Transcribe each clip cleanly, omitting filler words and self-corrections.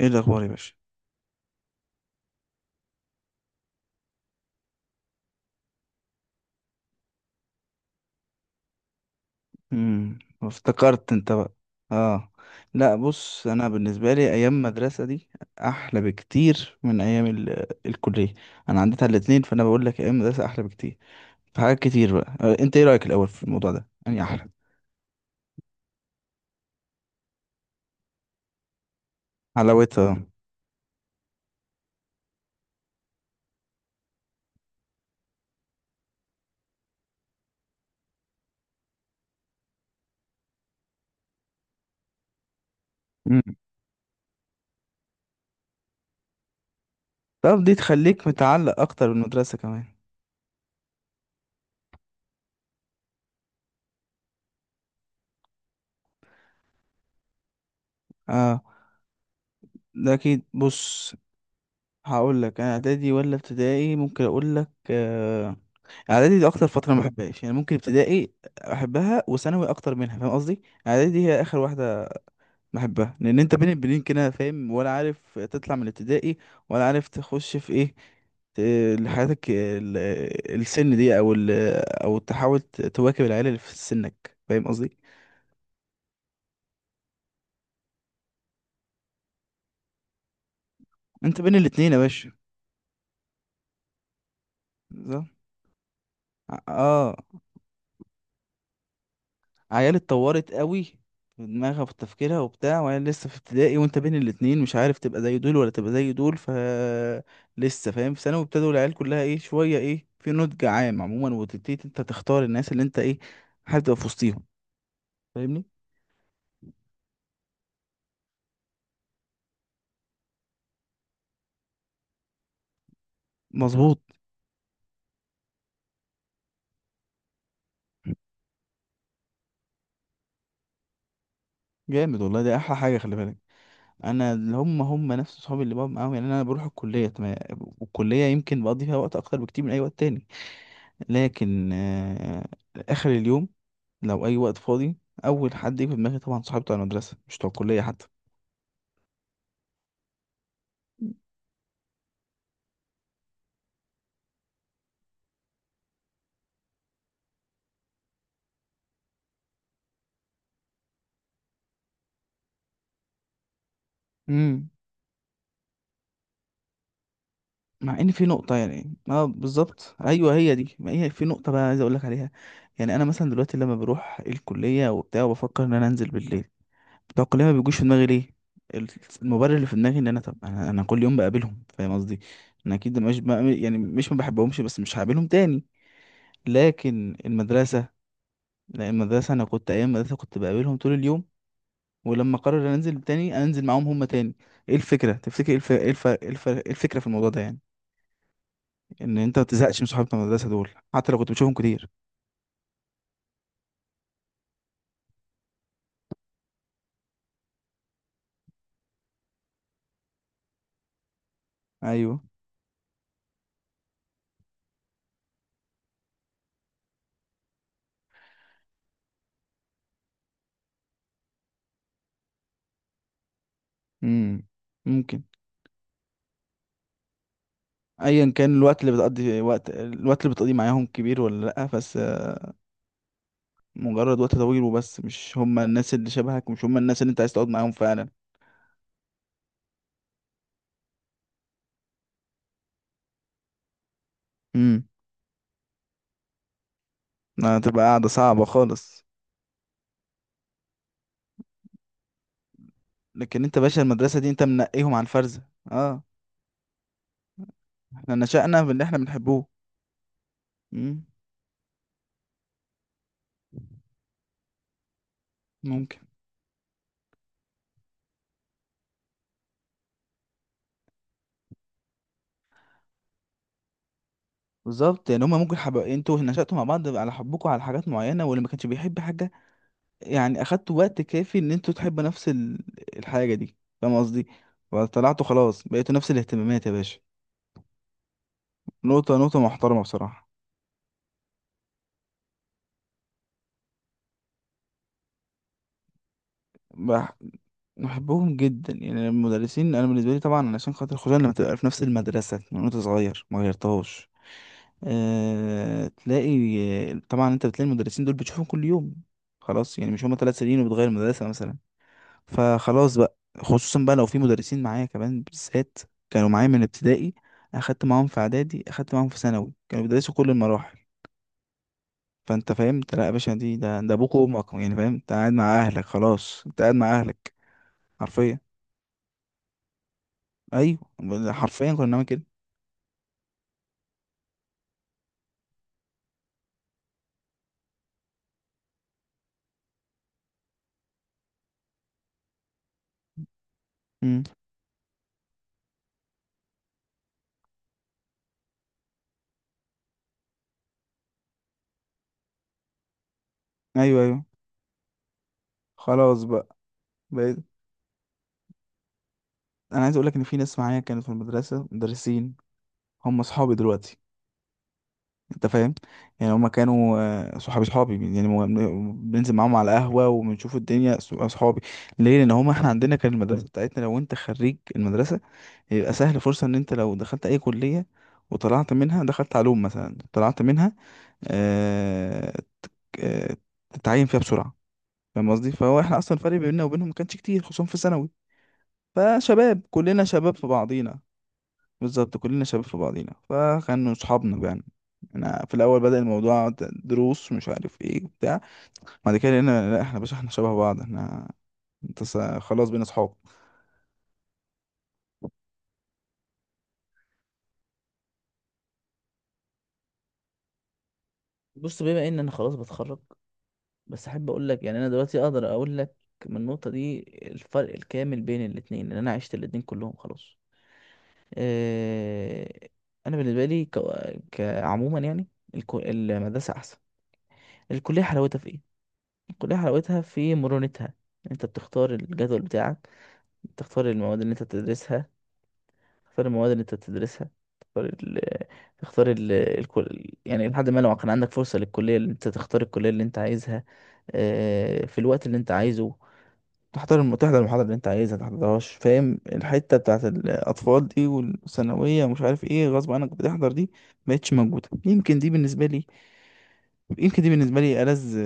ايه الاخبار يا باشا؟ افتكرت انت بقى؟ اه. لا بص، انا بالنسبه لي ايام المدرسه دي احلى بكتير من ايام ال... آه، الكليه. انا عديت على الاتنين، فانا بقول لك ايام المدرسه احلى بكتير. في حاجات كتير بقى، انت ايه رايك الاول في الموضوع ده؟ يعني احلى حلاوتها. امم طب دي تخليك متعلق اكتر بالمدرسه كمان. اه ده اكيد. بص هقول لك، انا اعدادي ولا ابتدائي؟ ممكن اقول لك اعدادي دي اكتر فتره ما بحبهاش، يعني ممكن ابتدائي احبها وثانوي اكتر منها، فاهم قصدي؟ اعدادي دي هي اخر واحده بحبها، لان انت بين البنين كده، فاهم؟ ولا عارف تطلع من الابتدائي، ولا عارف تخش في ايه، لحياتك السن دي، او تحاول تواكب العيال اللي في سنك، فاهم قصدي؟ انت بين الاتنين يا باشا، بالظبط. اه، عيال اتطورت قوي في دماغها، في تفكيرها وبتاع، وعيال لسه في ابتدائي، وانت بين الاتنين مش عارف تبقى زي دول ولا تبقى زي دول. ف لسه فاهم؟ في ثانوي ابتدوا العيال كلها ايه، شويه ايه، في نضج عام عموما، وتبتدي انت تختار الناس اللي انت ايه حابب تبقى في وسطيهم، فاهمني؟ مظبوط. جامد والله، ده احلى حاجه، خلي بالك. انا اللي هم نفس صحابي اللي بقعد معاهم، يعني انا بروح الكليه تمام، والكليه يمكن بقضي فيها وقت اكتر بكتير من اي وقت تاني، لكن اخر اليوم لو اي وقت فاضي اول حد يجي في دماغي طبعا صاحبي بتاع المدرسه، مش بتوع الكليه حتى. امم مع ان في نقطه، يعني اه بالظبط، ايوه هي دي، ما هي في نقطه بقى عايز اقول لك عليها. يعني انا مثلا دلوقتي لما بروح الكليه وبتاع وبفكر ان انا انزل بالليل، بتوع الكليه ما بيجوش في دماغي. ليه؟ ال- المبرر اللي في دماغي ان انا، طب أنا كل يوم بقابلهم، فاهم قصدي؟ انا اكيد مش بقى، يعني مش ما بحبهمش، بس مش هقابلهم تاني. لكن المدرسه، لا المدرسه انا كنت، ايام المدرسه كنت بقابلهم طول اليوم، ولما قرر انزل تاني انزل معاهم هم تاني. ايه الفكره؟ تفتكر ايه الفكره في الموضوع ده، يعني ان انت ما تزهقش من صحابه المدرسه دول حتى لو كنت بتشوفهم كتير؟ ايوه. امم ممكن. ايا كان الوقت اللي بتقضي، وقت الوقت اللي بتقضيه معاهم كبير ولا لا، بس مجرد وقت طويل وبس، مش هم الناس اللي شبهك، مش هم الناس اللي انت عايز تقعد معاهم فعلا. امم هتبقى قاعده صعبه خالص. لكن انت باشا المدرسه دي انت منقيهم على الفرزه. اه، احنا نشأنا باللي احنا بنحبوه. امم ممكن. بالظبط، يعني هما ممكن انتوا نشأتوا مع بعض على حبكم على حاجات معينة، واللي ما كانش بيحب حاجة يعني أخدتوا وقت كافي إن انتوا تحبوا نفس الحاجة دي، فاهم قصدي؟ فطلعتوا خلاص بقيتوا نفس الاهتمامات يا باشا. نقطة نقطة محترمة بصراحة. بح... بحبهم جدا، يعني المدرسين أنا بالنسبة لي طبعا علشان خاطر، خصوصا لما تبقى في نفس المدرسة من وأنت صغير ما غيرتهاش. تلاقي طبعا أنت بتلاقي المدرسين دول بتشوفهم كل يوم، خلاص يعني مش هما ثلاث سنين وبتغير مدرسة مثلا. فخلاص بقى، خصوصا بقى لو في مدرسين معايا كمان بالذات كانوا معايا من ابتدائي، اخدت معاهم في اعدادي، اخدت معاهم في ثانوي، كانوا بيدرسوا كل المراحل. فانت فهمت؟ لا يا باشا، دي ده ده ابوك وامك يعني، فاهم؟ انت قاعد مع اهلك، خلاص انت قاعد مع اهلك. حرفيا، ايوه حرفيا كنا بنعمل كده. امم ايوه ايوه. خلاص بقى بقيت. انا عايز اقول لك ان في ناس معايا كانت في المدرسه مدرسين، هم اصحابي دلوقتي، انت فاهم؟ يعني هما كانوا صحابي صحابي، يعني بننزل معاهم على قهوة وبنشوف الدنيا، صحابي. ليه؟ لان هما، احنا عندنا كان المدرسة بتاعتنا، لو انت خريج المدرسة يبقى سهل فرصة ان انت لو دخلت اي كلية وطلعت منها، دخلت علوم مثلا طلعت منها آه آه، تتعين فيها بسرعة، فاهم قصدي؟ فهو احنا اصلا الفرق بيننا وبينهم ما كانش كتير، خصوصا في ثانوي، فشباب كلنا شباب في بعضينا، بالظبط كلنا شباب في بعضينا، فكانوا صحابنا يعني. انا في الاول بدأ الموضوع دروس مش عارف ايه وبتاع، بعد كده لقينا لا، احنا باشا احنا شبه بعض احنا، انت خلاص بينا صحاب. بس يعني انا اقول لك من بين الاثنين لان انا عشت الاثنين، كورس. آه، انا بلي عموما يعني المدرسه احسن. الكليه حلاوتها في ايه؟ الكليه حلاوتها في متها، انت بتختار الجدول بتاعك، بتختار المواد اللي انت بتدرسها، تختار المواد اللي انت بتدرسها، تختار ال، تختار يعني لحد ما لو كان عندك فرصة للكلية اللي انت، تختار الكلية اللي انت عايزها، في الوقت اللي انت عايزه، تحضر تحضر المحاضرة اللي انت عايزها، متحضرهاش، فاهم؟ الحتة بتاعت الأطفال دي والثانوية ومش عارف ايه غصب عنك بتحضر دي مبقتش موجودة. يمكن دي بالنسبة لي، يمكن دي بالنسبة لي ألذ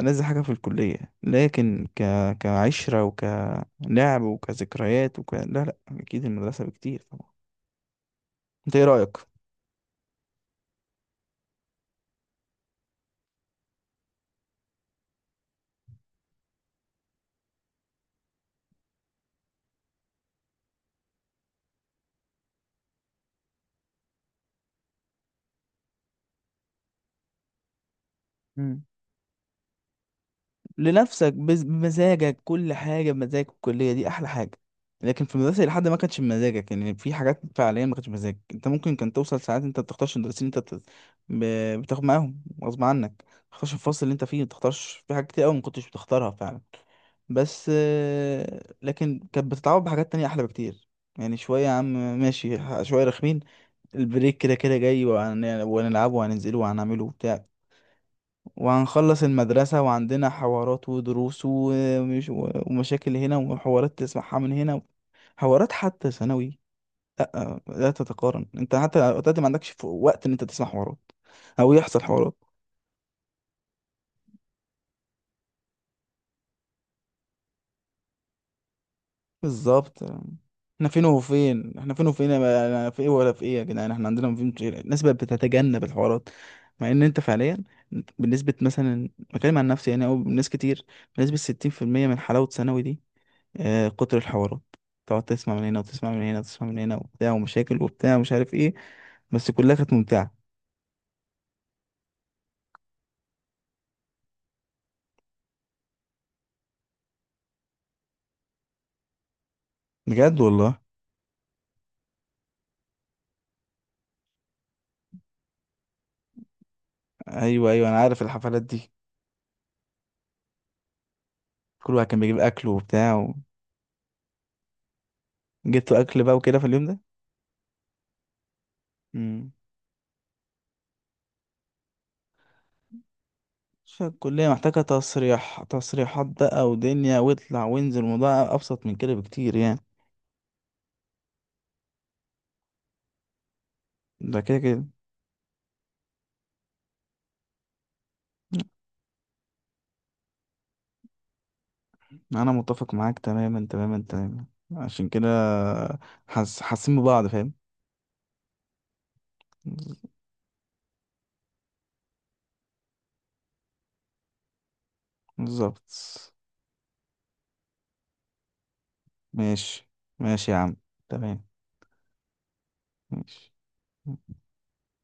ألذ حاجة في الكلية. لكن كعشرة وكلعب وكذكريات لا لا، أكيد المدرسة بكتير طبعا. انت ايه رأيك؟ مم. لنفسك، بمزاجك، كل حاجة بمزاجك، الكلية دي أحلى حاجة. لكن في المدرسة لحد ما كانتش بمزاجك، يعني في حاجات فعليا ما كانتش بمزاجك، انت ممكن كان توصل ساعات انت ما بتختارش المدرسين اللي انت بتاخد معاهم غصب عنك، ما بتختارش الفصل اللي انت فيه، ما بتختارش في حاجات كتير قوي ما كنتش بتختارها فعلا، بس لكن كانت بتتعوض بحاجات تانية أحلى بكتير. يعني شوية يا عم ماشي، شوية رخمين، البريك كده كده جاي وهنلعبه وهننزله وهنعمله وبتاع، وهنخلص المدرسة وعندنا حوارات ودروس، ومش ومشاكل هنا، وحوارات تسمعها من هنا، حوارات حتى ثانوي لا لا تتقارن، انت حتى دلوقتي ما عندكش وقت ان انت تسمع حوارات او يحصل حوارات. بالظبط، احنا فين وفين، احنا فين وفين يا بقى، انا في ايه ولا في ايه يا جدعان، احنا عندنا فين كتير. الناس بقت بتتجنب الحوارات. مع ان انت فعليا بنسبة مثلا، بتكلم عن نفسي يعني او ناس كتير، بنسبة 60% من حلاوة ثانوي دي كتر الحوارات، تقعد تسمع من هنا وتسمع من هنا وتسمع من هنا وبتاع، ومشاكل وبتاع ومش عارف ايه، بس كلها كانت ممتعة. بجد والله. ايوه ايوه انا عارف الحفلات دي، كل واحد كان بيجيب اكل وبتاع، وجبتوا اكل بقى وكده في اليوم ده. امم فالكلية محتاجة تصريح، تصريحات بقى ودنيا واطلع وانزل، الموضوع ابسط من كده بكتير يعني. ده كده كده، انا متفق معاك تماما تماما تماما. عشان كده حاس، حاسين ببعض، فاهم؟ بالظبط. ماشي، ماشي يا عم، تمام، ماشي.